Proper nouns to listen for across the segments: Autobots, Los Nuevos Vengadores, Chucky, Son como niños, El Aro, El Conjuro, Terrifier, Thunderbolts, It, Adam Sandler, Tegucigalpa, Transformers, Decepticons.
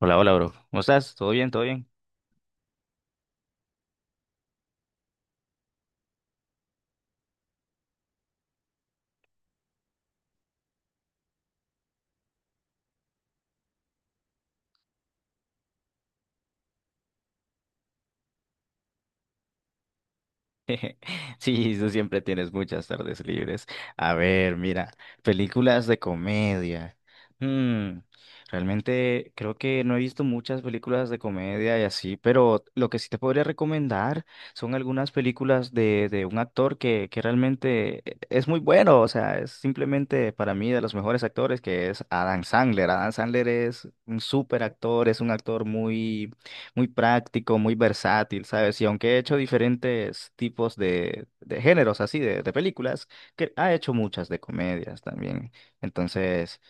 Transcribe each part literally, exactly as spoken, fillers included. Hola, hola, bro. ¿Cómo estás? ¿Todo bien? ¿Todo bien? Sí, tú siempre tienes muchas tardes libres. A ver, mira, películas de comedia. Mm, realmente creo que no he visto muchas películas de comedia y así, pero lo que sí te podría recomendar son algunas películas de, de un actor que, que realmente es muy bueno. O sea, es simplemente para mí de los mejores actores, que es Adam Sandler. Adam Sandler es un súper actor, es un actor muy muy práctico, muy versátil, ¿sabes? Y aunque he hecho diferentes tipos de, de géneros así, de, de películas, que ha hecho muchas de comedias también. Entonces,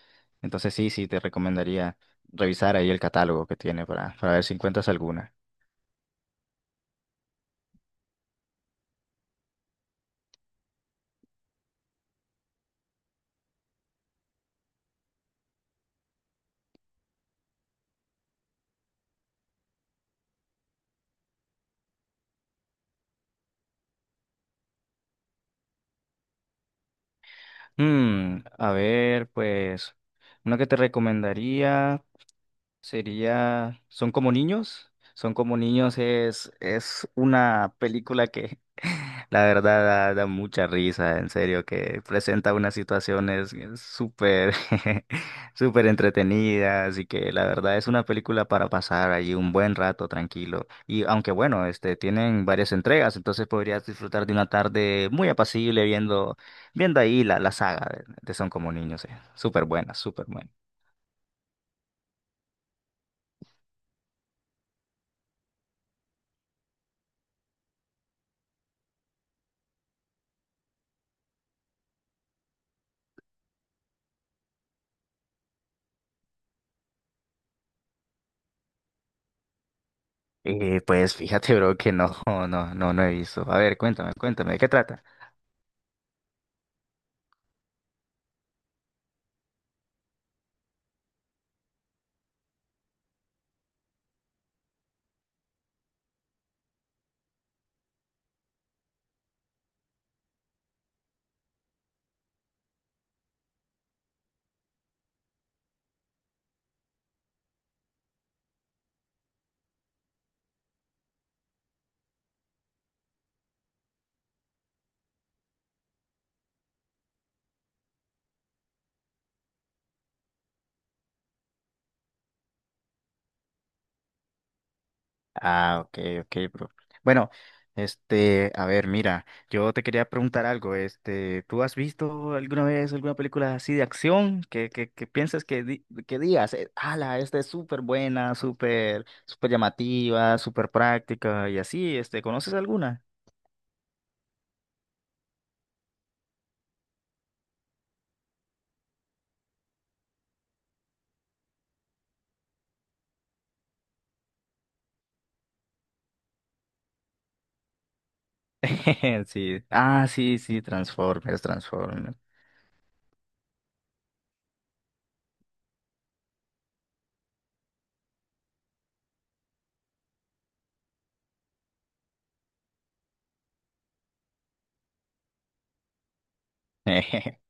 entonces sí, sí, te recomendaría revisar ahí el catálogo que tiene para, para ver si encuentras alguna. Mm, a ver, pues, una que te recomendaría sería Son como niños. Son como niños es, es una película que la verdad da, da mucha risa, en serio, que presenta unas situaciones eh, súper, súper entretenidas y que la verdad es una película para pasar allí un buen rato tranquilo. Y aunque bueno, este, tienen varias entregas, entonces podrías disfrutar de una tarde muy apacible viendo, viendo ahí la, la saga de, de Son como niños, eh. Súper buena, súper buena. Eh, pues fíjate, bro, que no, no, no, no he visto. A ver, cuéntame, cuéntame, ¿de qué trata? Ah, ok, ok, bro. Bueno, este, a ver, mira, yo te quería preguntar algo. Este, ¿tú has visto alguna vez alguna película así de acción que, que, que piensas que, di- que digas, eh, ala, esta es súper buena, súper, súper llamativa, súper práctica y así, este, ¿conoces alguna? Sí. Ah, sí, sí, Transformers, Transformers.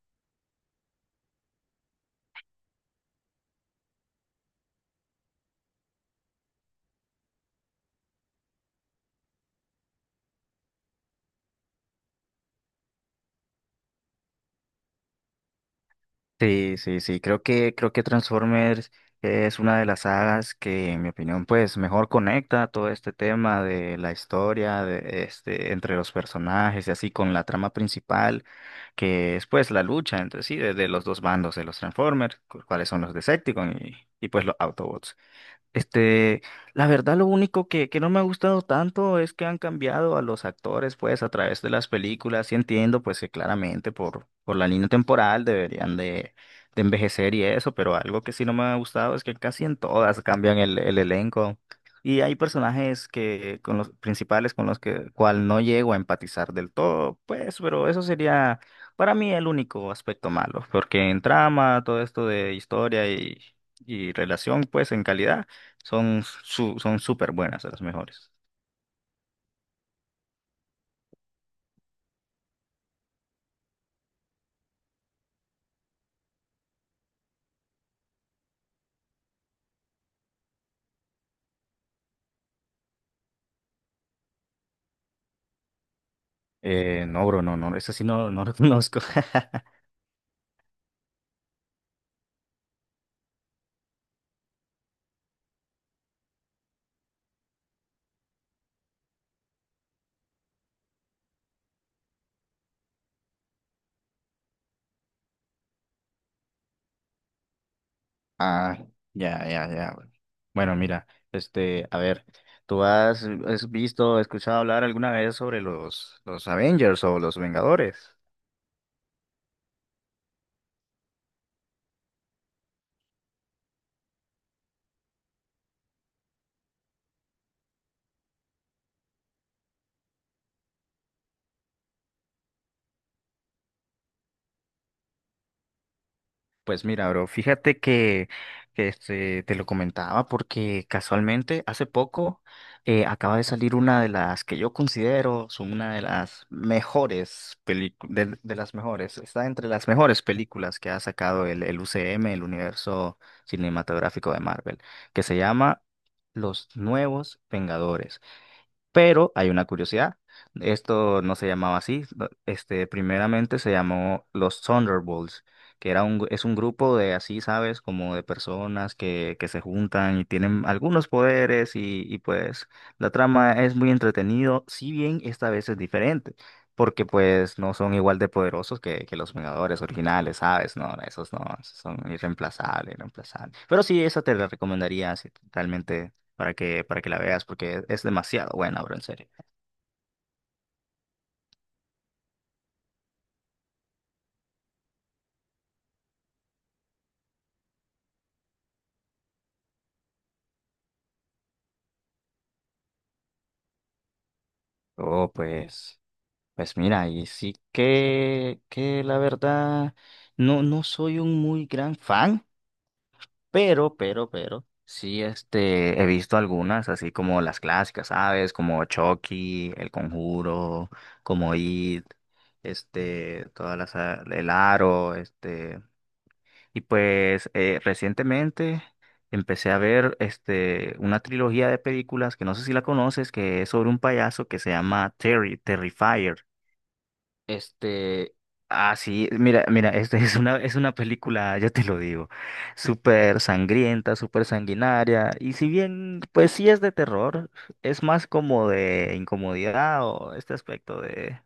Sí, sí, sí, creo que, creo que Transformers es una de las sagas que, en mi opinión, pues mejor conecta todo este tema de la historia, de este, entre los personajes y así con la trama principal, que es pues la lucha entre sí, de, de los dos bandos de los Transformers, cu- cuáles son los Decepticons y, y pues los Autobots. Este, la verdad, lo único que, que no me ha gustado tanto es que han cambiado a los actores, pues, a través de las películas, y entiendo, pues, que claramente por, por la línea temporal deberían de, de envejecer y eso, pero algo que sí no me ha gustado es que casi en todas cambian el, el elenco. Y hay personajes que, con los principales con los que, cual no llego a empatizar del todo, pues, pero eso sería para mí el único aspecto malo, porque en trama, todo esto de historia y, y relación, pues, en calidad. Son su- son súper buenas, de las mejores. Eh, no, bro, no, no, esa sí no, no lo conozco. Ah, ya, ya, ya, bro. Bueno, mira, este, a ver, ¿tú has, has visto, escuchado hablar alguna vez sobre los, los Avengers o los Vengadores? Pues mira, bro, fíjate que, que, este, te lo comentaba porque casualmente hace poco eh, acaba de salir una de las que yo considero son una de las mejores películas, de, de las mejores, está entre las mejores películas que ha sacado el, el U C M, el universo cinematográfico de Marvel, que se llama Los Nuevos Vengadores. Pero hay una curiosidad. Esto no se llamaba así. no- Este, primeramente se llamó los Thunderbolts, que era un, gru- es un grupo de así, ¿sabes? Como de personas que, que se juntan y tienen algunos poderes y, y pues la trama es muy entretenido, si bien esta vez es diferente, porque pues no son igual de poderosos que, que los Vengadores originales, ¿sabes? No, esos no, esos son irreemplazables, irreemplazables. Pero sí, esa te la recomendaría si realmente para que, para que la veas, porque es demasiado buena, bro, en serio. Oh, pues, pues mira, y sí que, que la verdad, no, no soy un muy gran fan, pero, pero, pero sí, este, he visto algunas, así como las clásicas, ¿sabes? Como Chucky, El Conjuro, como It, este, todas las, el Aro, este. Y pues eh, recientemente empecé a ver este, una trilogía de películas que no sé si la conoces, que es sobre un payaso que se llama Terry, Terrifier. Este, ah, sí, mira, mira, este es una, es una película, ya te lo digo, súper sangrienta, súper sanguinaria, y si bien, pues sí es de terror, es más como de incomodidad o este aspecto de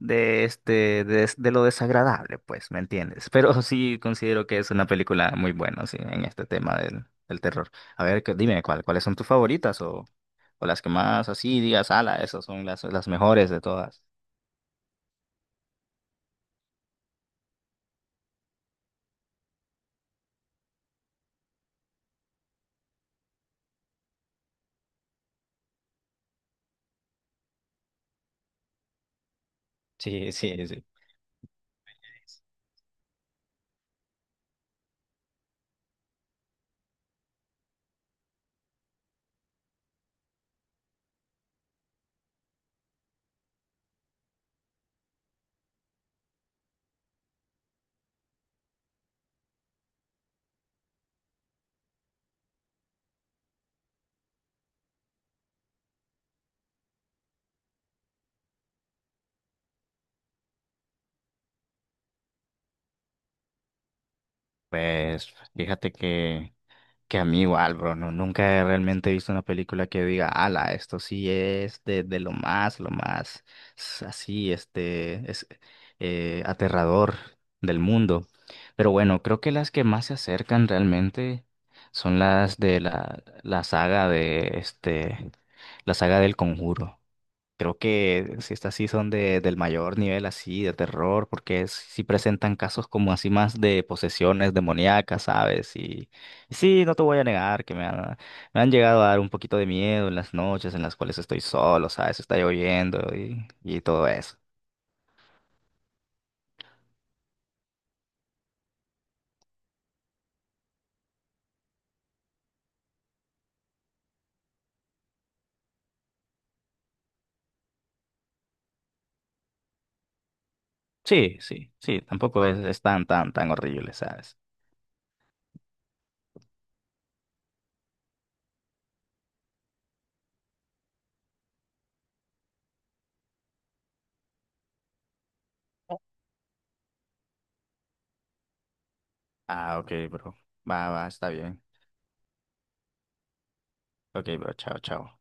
de este de, de lo desagradable, pues, ¿me entiendes? Pero sí considero que es una película muy buena, sí, en este tema del, del terror. A ver, que- dime cuál, cuáles son tus favoritas o, o las que más así digas, ala, esas son las, las mejores de todas. Sí, sí, sí. Pues fíjate que Que a mí igual, bro, no, nunca he realmente he visto una película que diga, ala, esto sí es de, de lo más, lo más s- así, este, es eh, aterrador del mundo. Pero bueno, creo que las que más se acercan realmente son las de la, la saga de este, la saga del Conjuro. Creo que si estas sí son de, del mayor nivel así de terror, porque sí presentan casos como así más de posesiones demoníacas, ¿sabes? Y, y sí, no te voy a negar que me han, me han llegado a dar un poquito de miedo en las noches en las cuales estoy solo, ¿sabes? Está lloviendo y, y todo eso. Sí, sí, sí, tampoco es, es tan, tan, tan horrible, ¿sabes? Ah, ok, bro. Va, va, está bien. Ok, bro, chao, chao.